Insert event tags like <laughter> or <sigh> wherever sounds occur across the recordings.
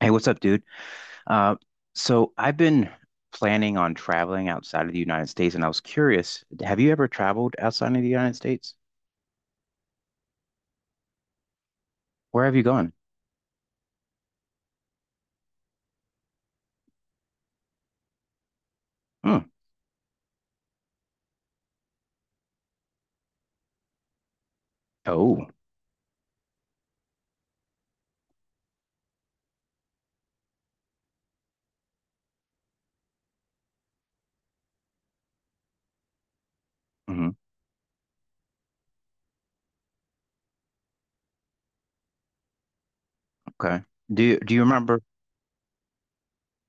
Hey, what's up, dude? Uh, so I've been planning on traveling outside of the United States, and I was curious, have you ever traveled outside of the United States? Where have you gone? Hmm. Oh. Hmm. Okay. Do you remember?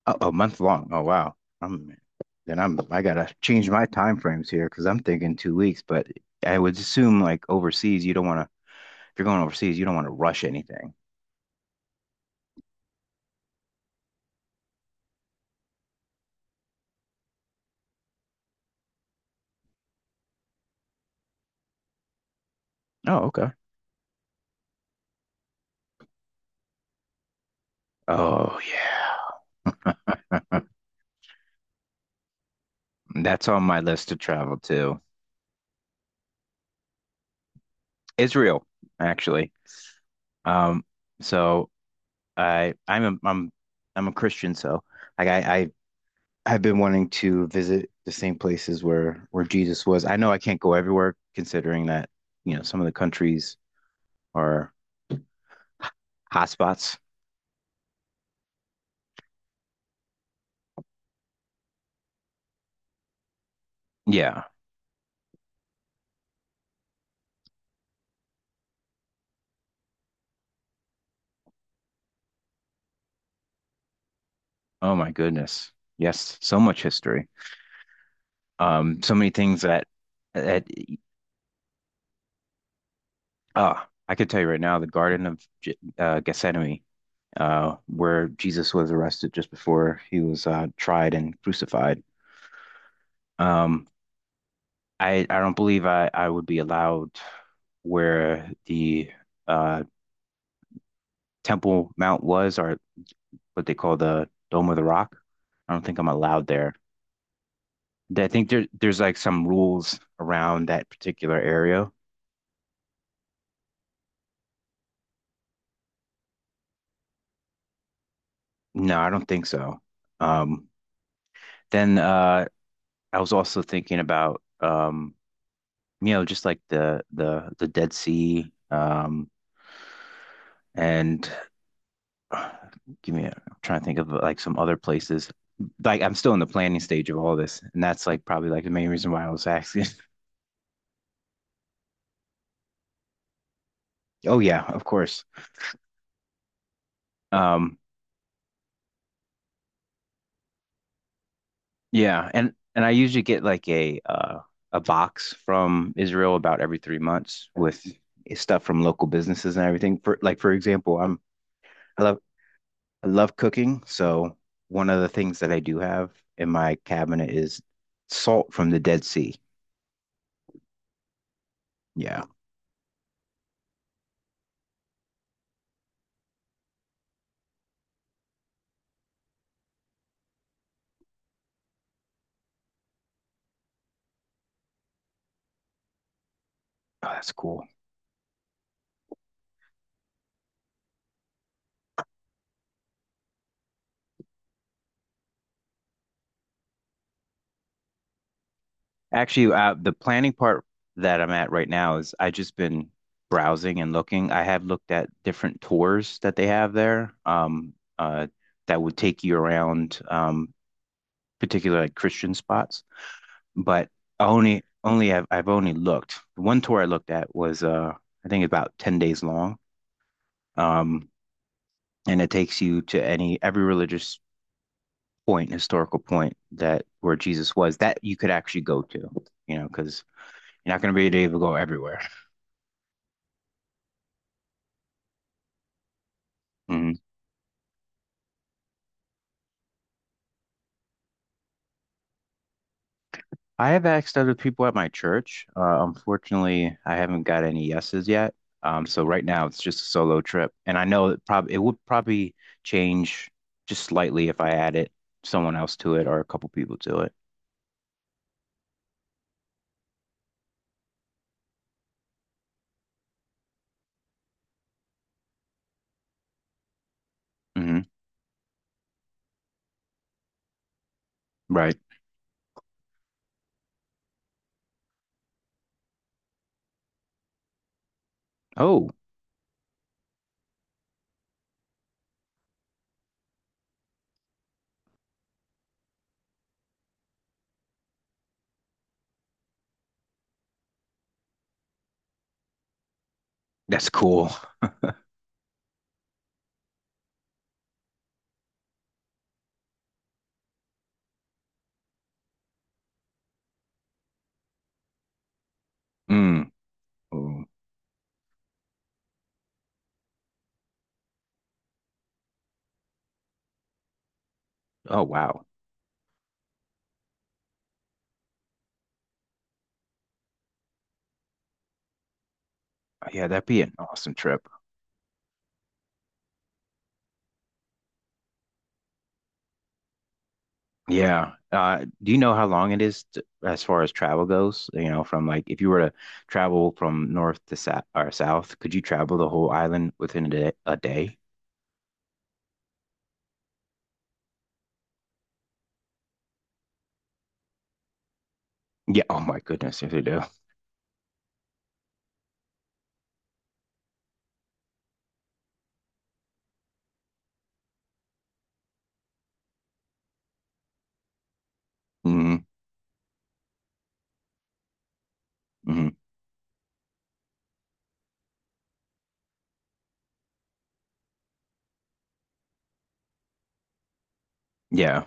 Oh, a month long. Oh, wow. I'm, then I gotta change my time frames here because I'm thinking 2 weeks, but I would assume like overseas, you don't want to. If you're going overseas, you don't want to rush anything. Oh, okay. Oh, yeah. That's on my list to travel to. Israel, actually. Um, so I I'm a, I'm I'm a Christian, so like I've been wanting to visit the same places where Jesus was. I know I can't go everywhere considering that, some of the countries are hotspots. Yeah. Oh my goodness. Yes, so much history. So many things that uh I could tell you right now, the Garden of Gethsemane, where Jesus was arrested just before he was tried and crucified. Um, I don't believe I would be allowed where the uh Temple Mount was, or what they call the Dome of the Rock. I don't think I'm allowed there. I think there's like some rules around that particular area. No, I don't think so. Um, then I was also thinking about just like the Dead Sea, and I'm trying to think of like some other places. Like I'm still in the planning stage of all this, and that's like probably like the main reason why I was asking. <laughs> Oh yeah, of course. Um, yeah, and I usually get like a box from Israel about every 3 months with stuff from local businesses and everything. For like, for example, I love I love cooking, so one of the things that I do have in my cabinet is salt from the Dead Sea. Yeah, oh, that's cool. Actually, the planning part that I'm at right now is I just been browsing and looking. I have looked at different tours that they have there, uh, that would take you around, particular like Christian spots. But only, only I've only looked. One tour I looked at was, I think about 10 days long, um, and it takes you to any every religious point, historical point that where Jesus was that you could actually go to, because you're not going to be able to go everywhere. Mm-hmm. I have asked other people at my church. Unfortunately, I haven't got any yeses yet. So right now it's just a solo trip, and I know it would probably change just slightly if I added someone else to it or a couple people to it. Hmm. Right. Oh, that's cool. Mm. Oh, oh, wow. Yeah, that'd be an awesome trip. Yeah. Do you know how long it is t as far as travel goes? From like if you were to travel from north to south or south, could you travel the whole island within a day? Yeah. Oh my goodness, yes, they do. Hmm. Hmm. Yeah.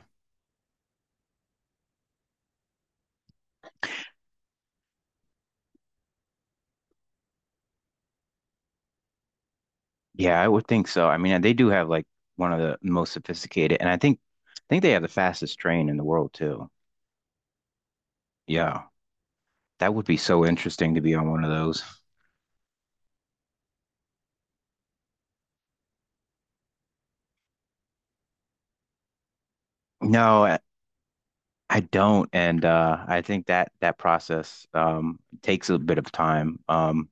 Yeah, I would think so. I mean, they do have like one of the most sophisticated, and I think they have the fastest train in the world too. Yeah. That would be so interesting to be on one of those. No, I don't, and I think that that process takes a bit of time.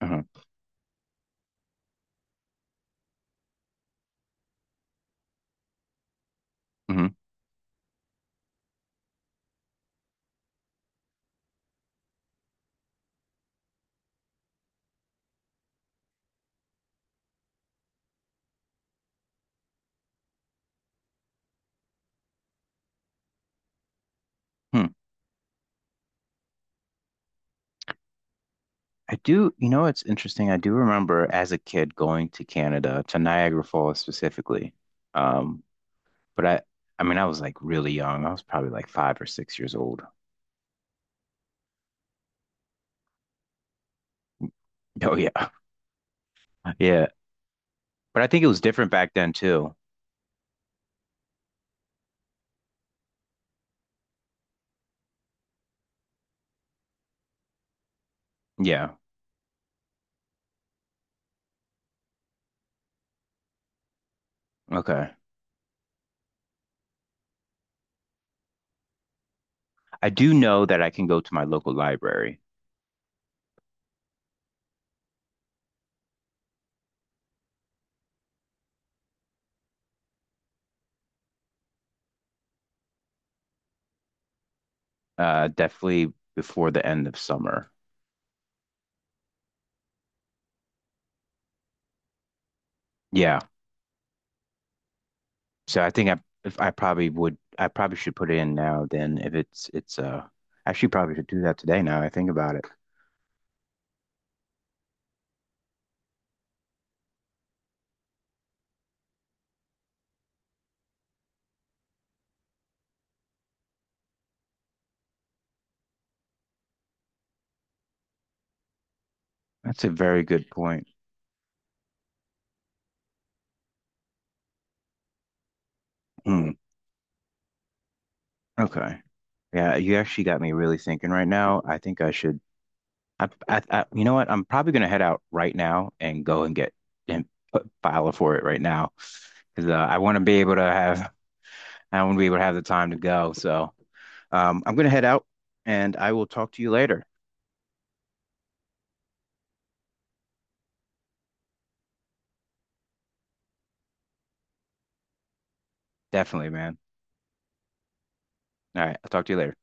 Mhm, mhm, hmm. I do. It's interesting. I do remember as a kid going to Canada, to Niagara Falls specifically. Um, but I mean, I was like really young. I was probably like 5 or 6 years old. <laughs> Oh yeah, yeah. But I think it was different back then too. Yeah. Okay. I do know that I can go to my local library. Definitely before the end of summer. Yeah. So I think I if I probably would I probably should put it in now then if it's actually probably should do that today now I think about it. That's a very good point. Hmm. Okay. Yeah, you actually got me really thinking right now. I think I should I You know what? I'm probably gonna head out right now and go and get and put, file for it right now because I want to be able to have the time to go. So I'm gonna head out and I will talk to you later. Definitely, man. All right, I'll talk to you later.